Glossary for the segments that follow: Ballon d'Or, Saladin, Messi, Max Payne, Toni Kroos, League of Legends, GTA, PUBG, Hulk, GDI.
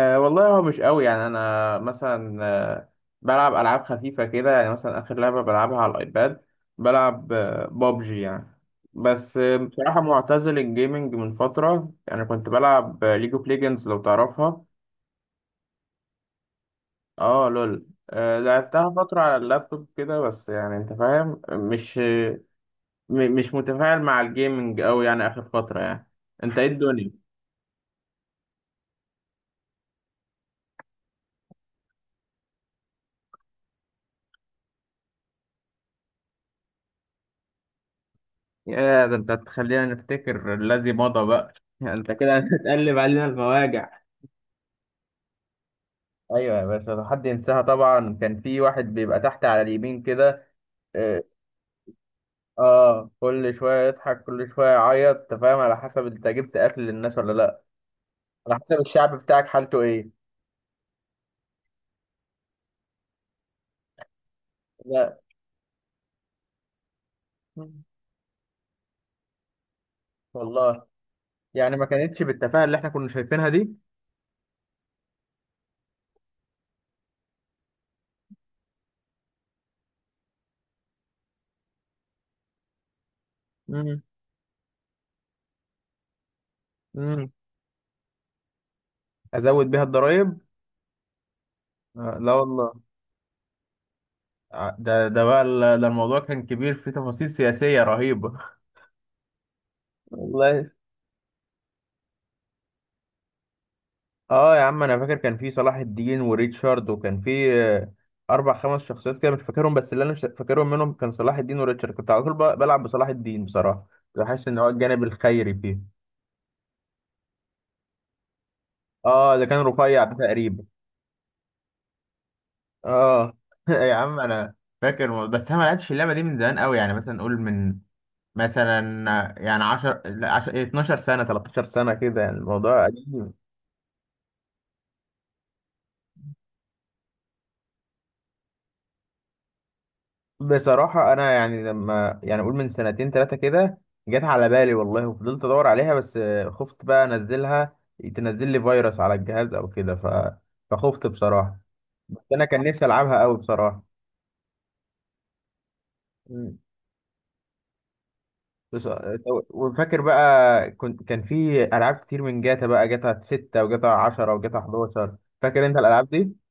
والله هو مش قوي. يعني انا مثلا بلعب العاب خفيفه كده. يعني مثلا اخر لعبه بلعبها على الايباد بلعب بابجي يعني. بس بصراحه معتزل الجيمنج من فتره. يعني كنت بلعب ليج اوف ليجندز لو تعرفها. اه لول، لعبتها فترة على اللابتوب كده. بس يعني انت فاهم، مش مش متفاعل مع الجيمنج أوي يعني آخر فترة يعني. انت ايه الدنيا؟ يا ده انت تخلينا نفتكر الذي مضى بقى انت كده هتقلب علينا المواجع. ايوه يا باشا، لو حد ينساها طبعا. كان في واحد بيبقى تحت على اليمين كده. اه. كل شويه يضحك كل شويه يعيط. انت فاهم، على حسب انت جبت اكل للناس ولا لا، على حسب الشعب بتاعك حالته ايه. لا. مم. والله يعني ما كانتش بالتفاهه اللي احنا كنا شايفينها دي. مم. مم. ازود بيها الضرايب؟ آه لا والله. ده الموضوع كان كبير، فيه تفاصيل سياسيه رهيبه والله. اه يا عم، انا فاكر كان في صلاح الدين وريتشارد، وكان في اربع خمس شخصيات كده مش فاكرهم. بس اللي انا مش فاكرهم منهم كان صلاح الدين وريتشارد. كنت على طول بلعب بصلاح الدين بصراحه. كنت بحس ان هو الجانب الخيري فيه. اه، ده كان رفيع ده تقريبا. اه يا عم، انا فاكر بس انا ما لعبتش اللعبه دي من زمان قوي. يعني مثلا نقول من، مثلا يعني 10 لا 10 12 سنه 13 سنه كده. يعني الموضوع قديم. بصراحة أنا يعني لما يعني أقول من سنتين تلاتة كده جت على بالي والله، وفضلت أدور عليها. بس خفت بقى أنزلها، تنزل لي فيروس على الجهاز أو كده. فخفت بصراحة. بس أنا كان نفسي ألعبها أوي بصراحة. مم. بس... وفاكر بقى، كنت كان في ألعاب كتير من جاتا بقى، جاتا 6 وجاتا عشرة وجاتا حداشر. فاكر أنت الألعاب دي؟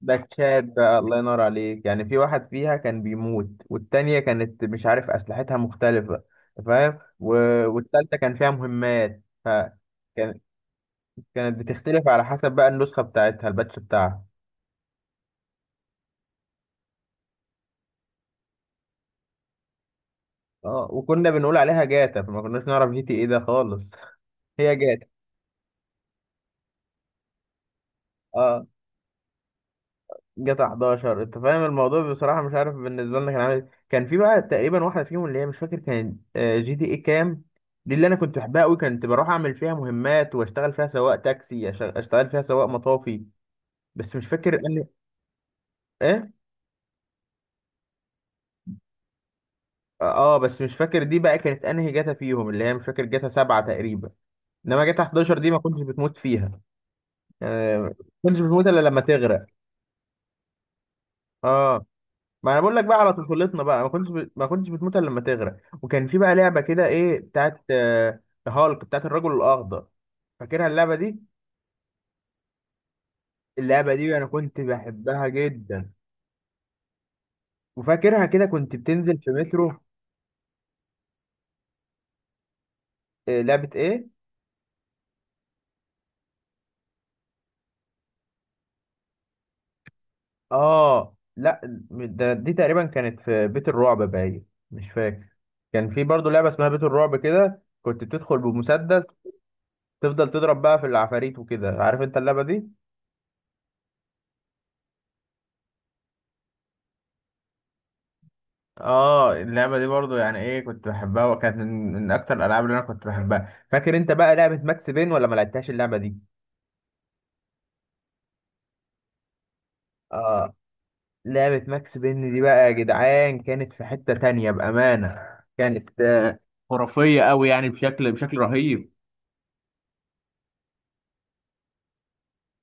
ده تشاد، ده الله ينور عليك. يعني في واحد فيها كان بيموت، والتانية كانت مش عارف أسلحتها مختلفة. أنت فاهم. والتالتة كان فيها مهمات. كان... كانت بتختلف على حسب بقى النسخة بتاعتها، الباتش بتاعها. اه، وكنا بنقول عليها جاتا فما كناش نعرف جي تي ايه ده خالص هي جاتا. اه. جاتا 11 انت فاهم الموضوع بصراحه مش عارف بالنسبه لنا كان عامل إيه. كان في بقى تقريبا واحده فيهم اللي هي مش فاكر كانت جي دي اي كام. دي اللي انا كنت بحبها قوي. كنت بروح اعمل فيها مهمات واشتغل فيها سواق تاكسي، اشتغل فيها سواق مطافي. بس مش فاكر انهي. ايه. اه. بس مش فاكر دي بقى كانت انهي جاتا فيهم. اللي هي مش فاكر، جاتا 7 تقريبا. انما جاتا 11 دي ما كنتش بتموت فيها. ما كنتش بتموت الا لما تغرق. اه. ما انا بقول لك بقى على طفولتنا بقى ما كنتش بتموت الا لما تغرق. وكان في بقى لعبه كده، ايه، بتاعت هالك، بتاعت الرجل الاخضر. فاكرها اللعبه دي؟ اللعبه دي انا كنت بحبها جدا. وفاكرها كده، كنت بتنزل في مترو. لعبه ايه. اه لا، ده دي تقريبا كانت في بيت الرعب باين. مش فاكر. كان في برضو لعبه اسمها بيت الرعب كده، كنت بتدخل بمسدس تفضل تضرب بقى في العفاريت وكده. عارف انت اللعبه دي. اه. اللعبة دي برضو يعني ايه، كنت بحبها، وكانت من اكتر الالعاب اللي انا كنت بحبها. فاكر انت بقى لعبة ماكس بين ولا ما لعبتهاش اللعبة دي؟ اه. لعبة ماكس بين دي بقى يا جدعان كانت في حتة تانية بأمانة. كانت خرافية قوي يعني بشكل بشكل رهيب.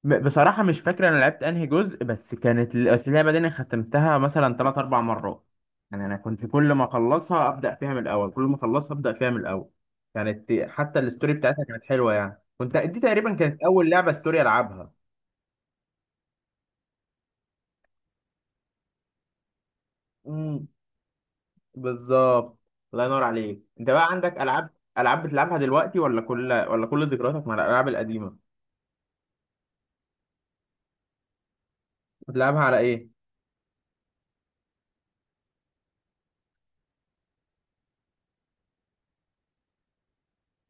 بصراحة مش فاكر أنا لعبت أنهي جزء. بس كانت بس اللعبة دي أنا ختمتها مثلا تلات أربع مرات. يعني أنا كنت كل ما أخلصها أبدأ فيها من الأول، كل ما أخلصها أبدأ فيها من الأول. كانت حتى الستوري بتاعتها كانت حلوة. يعني كنت، دي تقريبا كانت أول لعبة ستوري ألعبها. امم. بالظبط. الله ينور عليك. أنت بقى عندك ألعاب، ألعاب بتلعبها دلوقتي، ولا كل ذكرياتك مع الألعاب القديمة؟ بتلعبها على إيه؟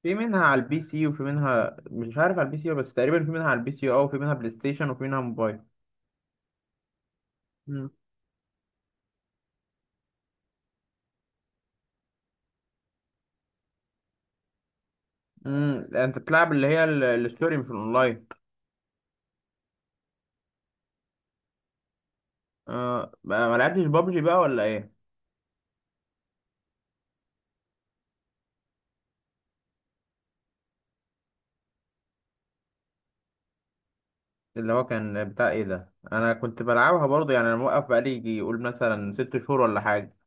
في منها على البي سي، وفي منها مش عارف على البي سي، بس تقريبا في منها على البي سي اه. وفي منها بلاي ستيشن وفي منها موبايل. امم. انت بتلعب اللي هي الستوري مش الاونلاين. آه ما لعبتش بابجي بقى ولا ايه؟ اللي هو كان بتاع ايه ده، انا كنت بلعبها برضه. يعني انا موقف بقالي يجي يقول مثلا 6 شهور ولا حاجه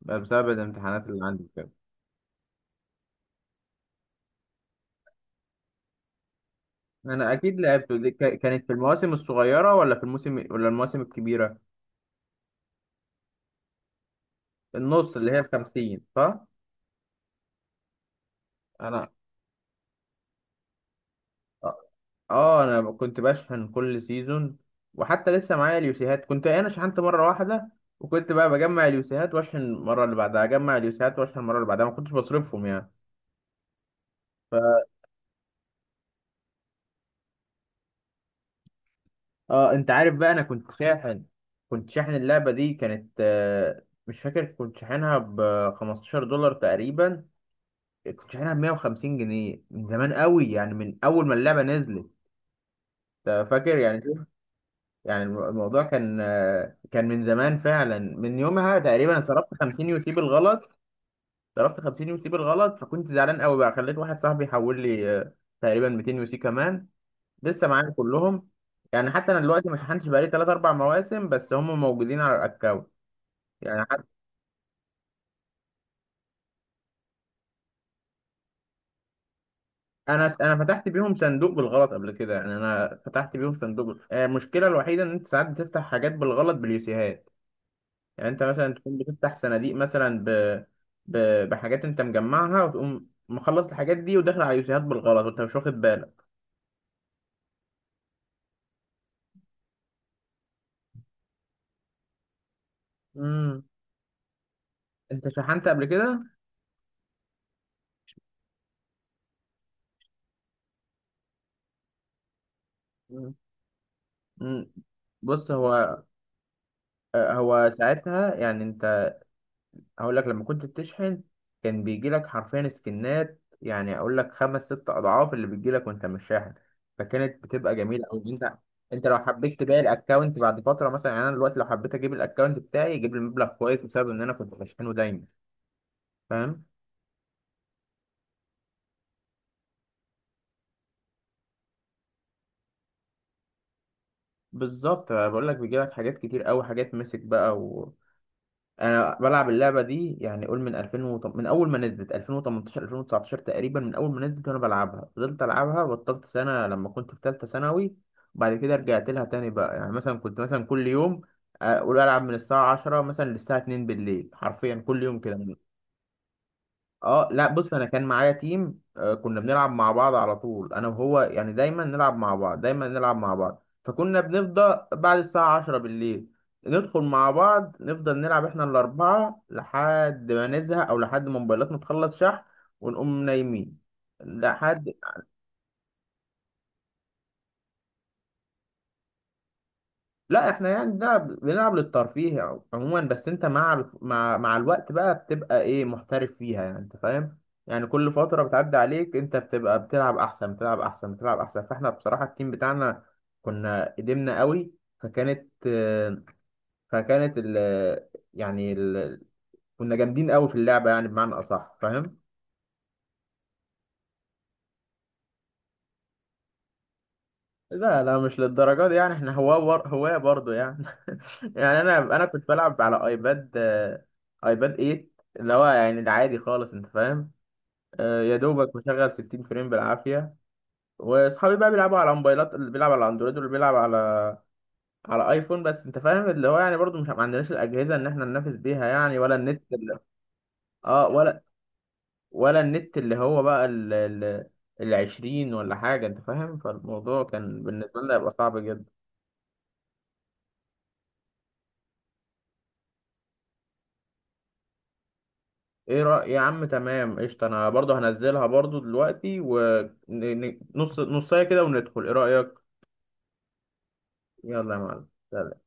بقى بسبب الامتحانات اللي عندي كده. انا اكيد لعبته دي كانت في المواسم الصغيره، ولا في الموسم ولا المواسم الكبيره، النص اللي هي الخمسين، صح؟ انا اه. انا كنت بشحن كل سيزون. وحتى لسه معايا اليوسيهات. كنت انا شحنت مره واحده، وكنت بقى بجمع اليوسيهات واشحن المره اللي بعدها، اجمع اليوسيهات واشحن المره اللي بعدها، ما كنتش بصرفهم يعني. ف اه انت عارف بقى، انا كنت شاحن. كنت شاحن اللعبه دي، كانت مش فاكر كنت شاحنها ب $15 تقريبا. كنت شاحنها ب 150 جنيه من زمان قوي. يعني من اول ما اللعبه نزلت. أنت فاكر يعني. يعني الموضوع كان كان من زمان فعلا. من يومها تقريبا صرفت 50 يوتي بالغلط، صرفت 50 يوتي بالغلط. فكنت زعلان قوي بقى، خليت واحد صاحبي يحول لي تقريبا 200 يوتي كمان. لسه معايا كلهم. يعني حتى انا دلوقتي ما شحنتش بقالي 3 4 مواسم، بس هم موجودين على الاكونت. يعني حتى انا فتحت بيهم صندوق بالغلط قبل كده. يعني انا فتحت بيهم صندوق. المشكله الوحيده ان انت ساعات بتفتح حاجات بالغلط باليوسيهات. يعني انت مثلا تكون بتفتح صناديق مثلا ب... بحاجات انت مجمعها، وتقوم مخلص الحاجات دي وداخل على يوسيهات بالغلط وانت مش واخد بالك. امم. انت شحنت قبل كده؟ مم. مم. بص، هو ساعتها يعني، انت هقول لك، لما كنت بتشحن كان بيجي لك حرفيا سكنات، يعني اقول لك خمس ست اضعاف اللي بيجي لك وانت مش شاحن. فكانت بتبقى جميله قوي. انت، انت لو حبيت تبيع الاكونت بعد فتره مثلا، يعني انا دلوقتي لو حبيت اجيب الاكونت بتاعي يجيب لي مبلغ كويس بسبب ان انا كنت بشحنه دايما. فاهم. بالظبط. بقول لك بيجي لك حاجات كتير قوي، حاجات مسك بقى انا بلعب اللعبه دي يعني قول من 2000 من اول ما نزلت 2018 2019 تقريبا. من اول ما نزلت وانا بلعبها، فضلت العبها، بطلت سنه لما كنت في ثالثه ثانوي، وبعد كده رجعت لها تاني بقى. يعني مثلا كنت مثلا كل يوم اقول العب من الساعه 10 مثلا للساعه 2 بالليل حرفيا كل يوم كده. اه لا، بص انا كان معايا تيم كنا بنلعب مع بعض على طول انا وهو. يعني دايما نلعب مع بعض دايما نلعب مع بعض، فكنا بنفضل بعد الساعة 10 بالليل ندخل مع بعض نفضل نلعب احنا الأربعة لحد ما نزهق أو لحد ما موبايلاتنا تخلص شحن ونقوم نايمين لحد لا، احنا يعني بنلعب للترفيه عموما. بس انت مع مع الوقت بقى بتبقى ايه، محترف فيها يعني انت فاهم. يعني كل فترة بتعدي عليك انت بتبقى بتلعب احسن بتلعب احسن بتلعب احسن. فاحنا بصراحة التيم بتاعنا كنا قدمنا قوي. فكانت آه، فكانت ال يعني ال كنا جامدين قوي في اللعبة يعني بمعنى اصح. فاهم. لا لا مش للدرجة دي. يعني احنا هواة هواة برضه يعني. يعني انا كنت بلعب على ايباد ايباد 8 اللي هو يعني العادي خالص انت فاهم. يا دوبك مشغل 60 فريم بالعافية. واصحابي بقى بيلعبوا على موبايلات، اللي بيلعب على اندرويد واللي بيلعب على على ايفون. بس انت فاهم اللي هو يعني برضه مش ما عندناش الاجهزة ان احنا ننافس بيها يعني اه. ولا النت اللي هو بقى العشرين ولا حاجة انت فاهم. فالموضوع كان بالنسبة لنا هيبقى صعب جدا. ايه رأي يا عم؟ تمام قشطة، انا برضه هنزلها برضه دلوقتي ونص، نصاية كده وندخل، ايه رأيك؟ يلا يا معلم.